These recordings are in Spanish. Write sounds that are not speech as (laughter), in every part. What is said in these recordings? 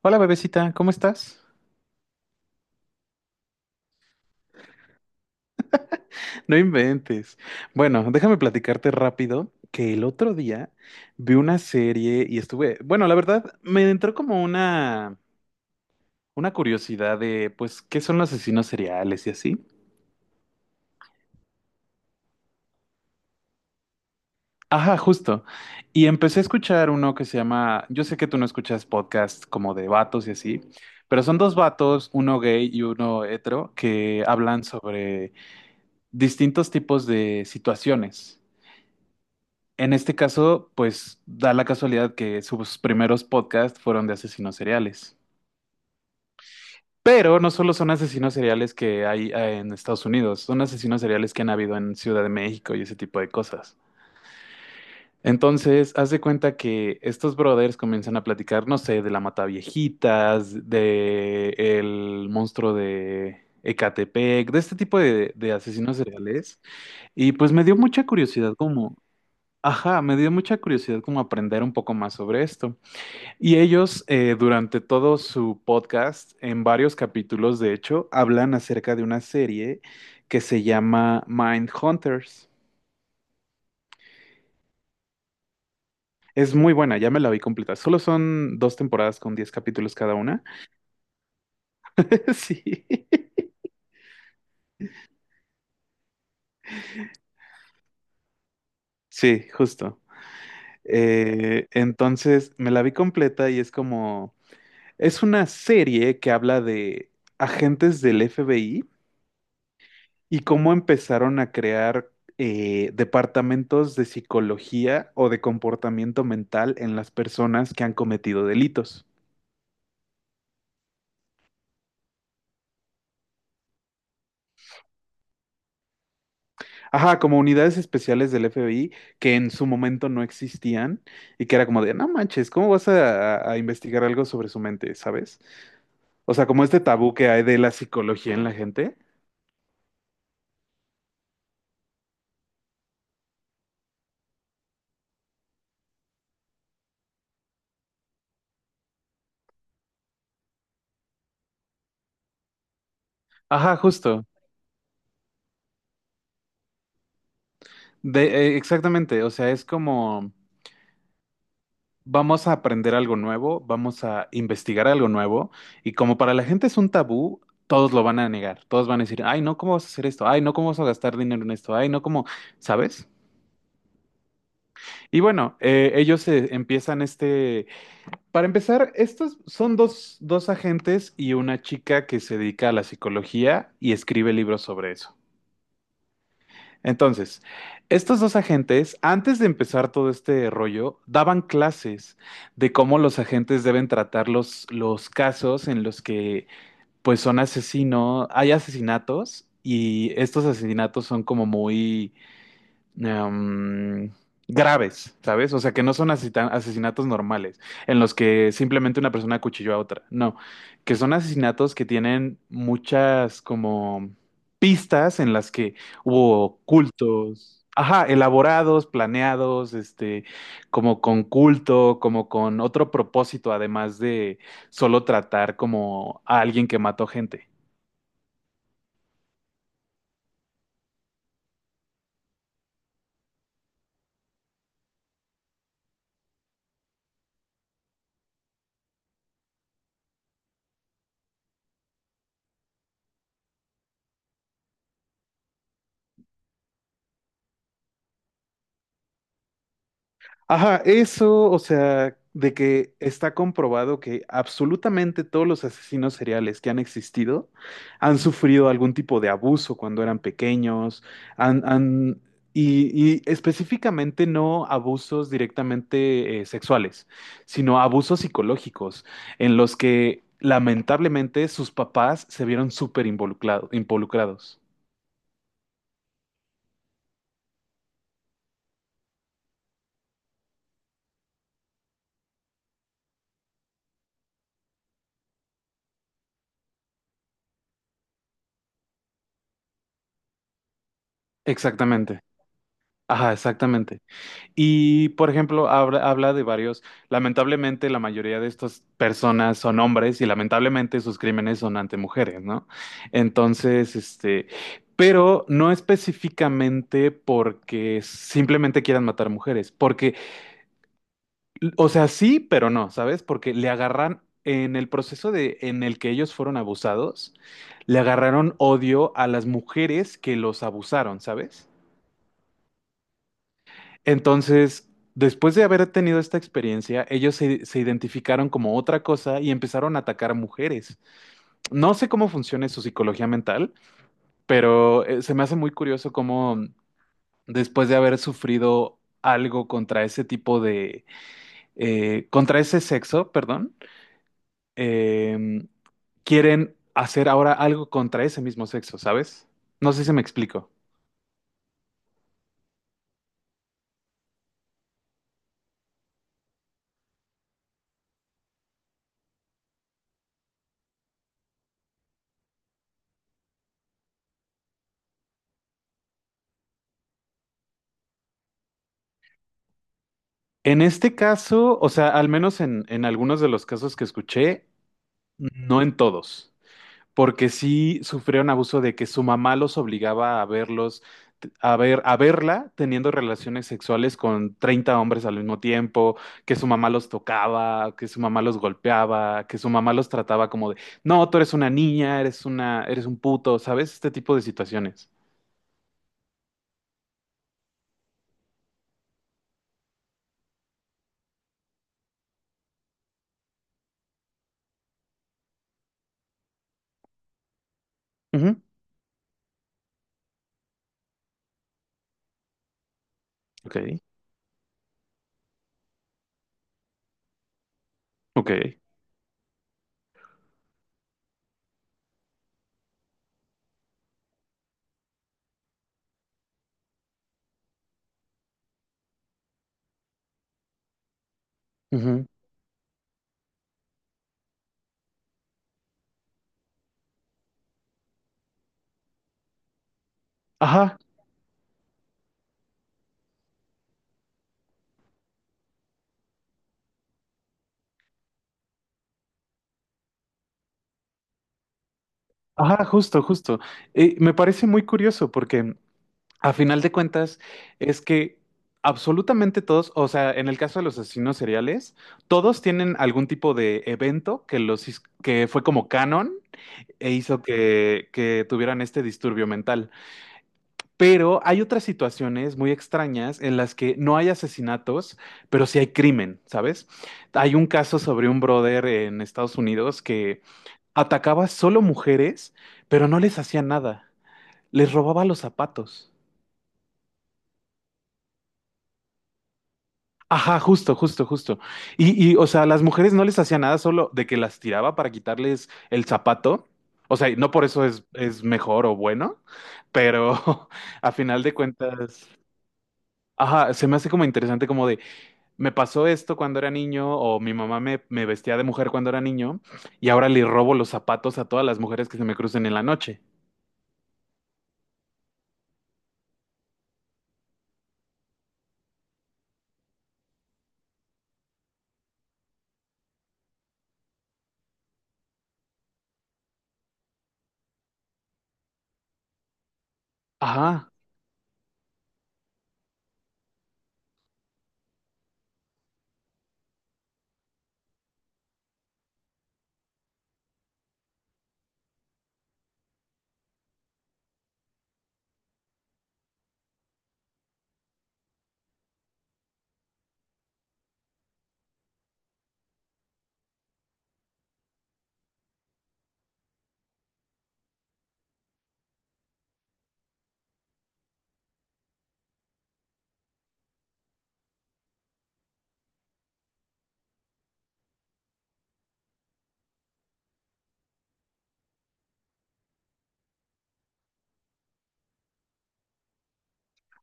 Hola bebecita, ¿cómo estás? No inventes. Bueno, déjame platicarte rápido que el otro día vi una serie y estuve, bueno, la verdad me entró como una curiosidad de pues qué son los asesinos seriales y así. Ajá, justo. Y empecé a escuchar uno que se llama, yo sé que tú no escuchas podcasts como de vatos y así, pero son dos vatos, uno gay y uno hetero, que hablan sobre distintos tipos de situaciones. En este caso, pues da la casualidad que sus primeros podcasts fueron de asesinos seriales. Pero no solo son asesinos seriales que hay en Estados Unidos, son asesinos seriales que han habido en Ciudad de México y ese tipo de cosas. Entonces, haz de cuenta que estos brothers comienzan a platicar, no sé, de la Mataviejitas, de el monstruo de Ecatepec, de este tipo de asesinos seriales. Y pues me dio mucha curiosidad como, ajá, me dio mucha curiosidad como aprender un poco más sobre esto. Y ellos, durante todo su podcast, en varios capítulos, de hecho, hablan acerca de una serie que se llama Mindhunters. Es muy buena, ya me la vi completa. Solo son dos temporadas con 10 capítulos cada una. (laughs) Sí, sí, justo. Entonces, me la vi completa y es como, es una serie que habla de agentes del FBI y cómo empezaron a crear departamentos de psicología o de comportamiento mental en las personas que han cometido delitos. Ajá, como unidades especiales del FBI que en su momento no existían y que era como de, no manches, ¿cómo vas a, a investigar algo sobre su mente, ¿sabes? O sea, como este tabú que hay de la psicología en la gente. Ajá, justo. De, exactamente, o sea, es como... Vamos a aprender algo nuevo, vamos a investigar algo nuevo y como para la gente es un tabú, todos lo van a negar, todos van a decir, ay, no, ¿cómo vas a hacer esto? Ay, no, ¿cómo vas a gastar dinero en esto? Ay, no, ¿cómo? ¿Sabes? Y bueno, ellos empiezan este, para empezar, estos son dos agentes y una chica que se dedica a la psicología y escribe libros sobre eso. Entonces, estos dos agentes, antes de empezar todo este rollo, daban clases de cómo los agentes deben tratar los casos en los que, pues, son asesinos, hay asesinatos y estos asesinatos son como muy em, graves, ¿sabes? O sea, que no son asesinatos normales, en los que simplemente una persona acuchilló a otra. No, que son asesinatos que tienen muchas como pistas en las que hubo cultos. Ajá, elaborados, planeados, este, como con culto, como con otro propósito, además de solo tratar como a alguien que mató gente. Ajá, eso, o sea, de que está comprobado que absolutamente todos los asesinos seriales que han existido han sufrido algún tipo de abuso cuando eran pequeños, han, han- y específicamente no abusos directamente sexuales, sino abusos psicológicos en los que lamentablemente sus papás se vieron súper involucrados. Exactamente. Ajá, exactamente. Y, por ejemplo, habla de varios, lamentablemente la mayoría de estas personas son hombres y lamentablemente sus crímenes son ante mujeres, ¿no? Entonces, este, pero no específicamente porque simplemente quieran matar mujeres, porque, o sea, sí, pero no, ¿sabes? Porque le agarran en el proceso de, en el que ellos fueron abusados, le agarraron odio a las mujeres que los abusaron, ¿sabes? Entonces, después de haber tenido esta experiencia, ellos se identificaron como otra cosa y empezaron a atacar mujeres. No sé cómo funciona su psicología mental, pero se me hace muy curioso cómo después de haber sufrido algo contra ese tipo de, contra ese sexo, perdón, eh, quieren hacer ahora algo contra ese mismo sexo, ¿sabes? No sé si me explico. En este caso, o sea, al menos en algunos de los casos que escuché, no en todos. Porque sí sufrieron abuso de que su mamá los obligaba a verlos, a verla teniendo relaciones sexuales con 30 hombres al mismo tiempo, que su mamá los tocaba, que su mamá los golpeaba, que su mamá los trataba como de, no, tú eres una niña, eres una, eres un puto, ¿sabes? Este tipo de situaciones. Ujú. Ok, ok. Ujú. Ajá, ajá, justo, justo. Me parece muy curioso porque a final de cuentas, es que absolutamente todos, o sea, en el caso de los asesinos seriales, todos tienen algún tipo de evento que los que fue como canon e hizo que tuvieran este disturbio mental. Pero hay otras situaciones muy extrañas en las que no hay asesinatos, pero sí hay crimen, ¿sabes? Hay un caso sobre un brother en Estados Unidos que atacaba solo mujeres, pero no les hacía nada. Les robaba los zapatos. Ajá, justo, justo, justo. Y, o sea, las mujeres no les hacía nada solo de que las tiraba para quitarles el zapato. O sea, y no por eso es mejor o bueno, pero (laughs) a final de cuentas, ajá, se me hace como interesante como de, me pasó esto cuando era niño o mi mamá me vestía de mujer cuando era niño y ahora le robo los zapatos a todas las mujeres que se me crucen en la noche. Ajá,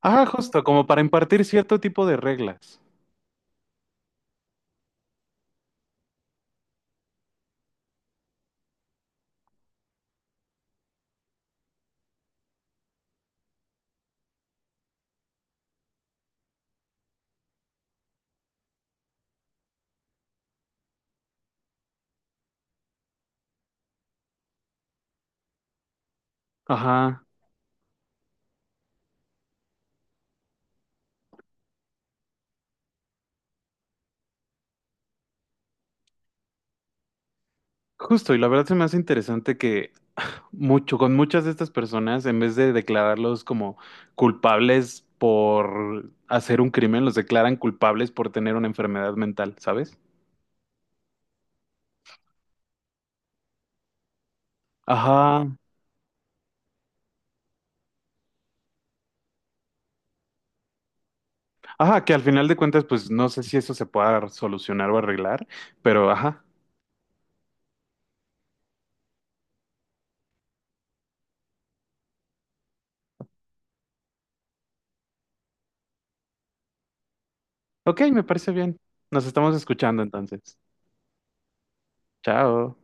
ajá, justo, como para impartir cierto tipo de reglas. Ajá. Justo, y la verdad se me hace interesante que (laughs) (sighs) mucho, con muchas de estas personas, en vez de declararlos como culpables por hacer un crimen, los declaran culpables por tener una enfermedad mental, ¿sabes? Ajá, ajá, que al final de cuentas, pues no sé si eso se pueda solucionar o arreglar, pero ajá. Ok, me parece bien. Nos estamos escuchando entonces. Chao.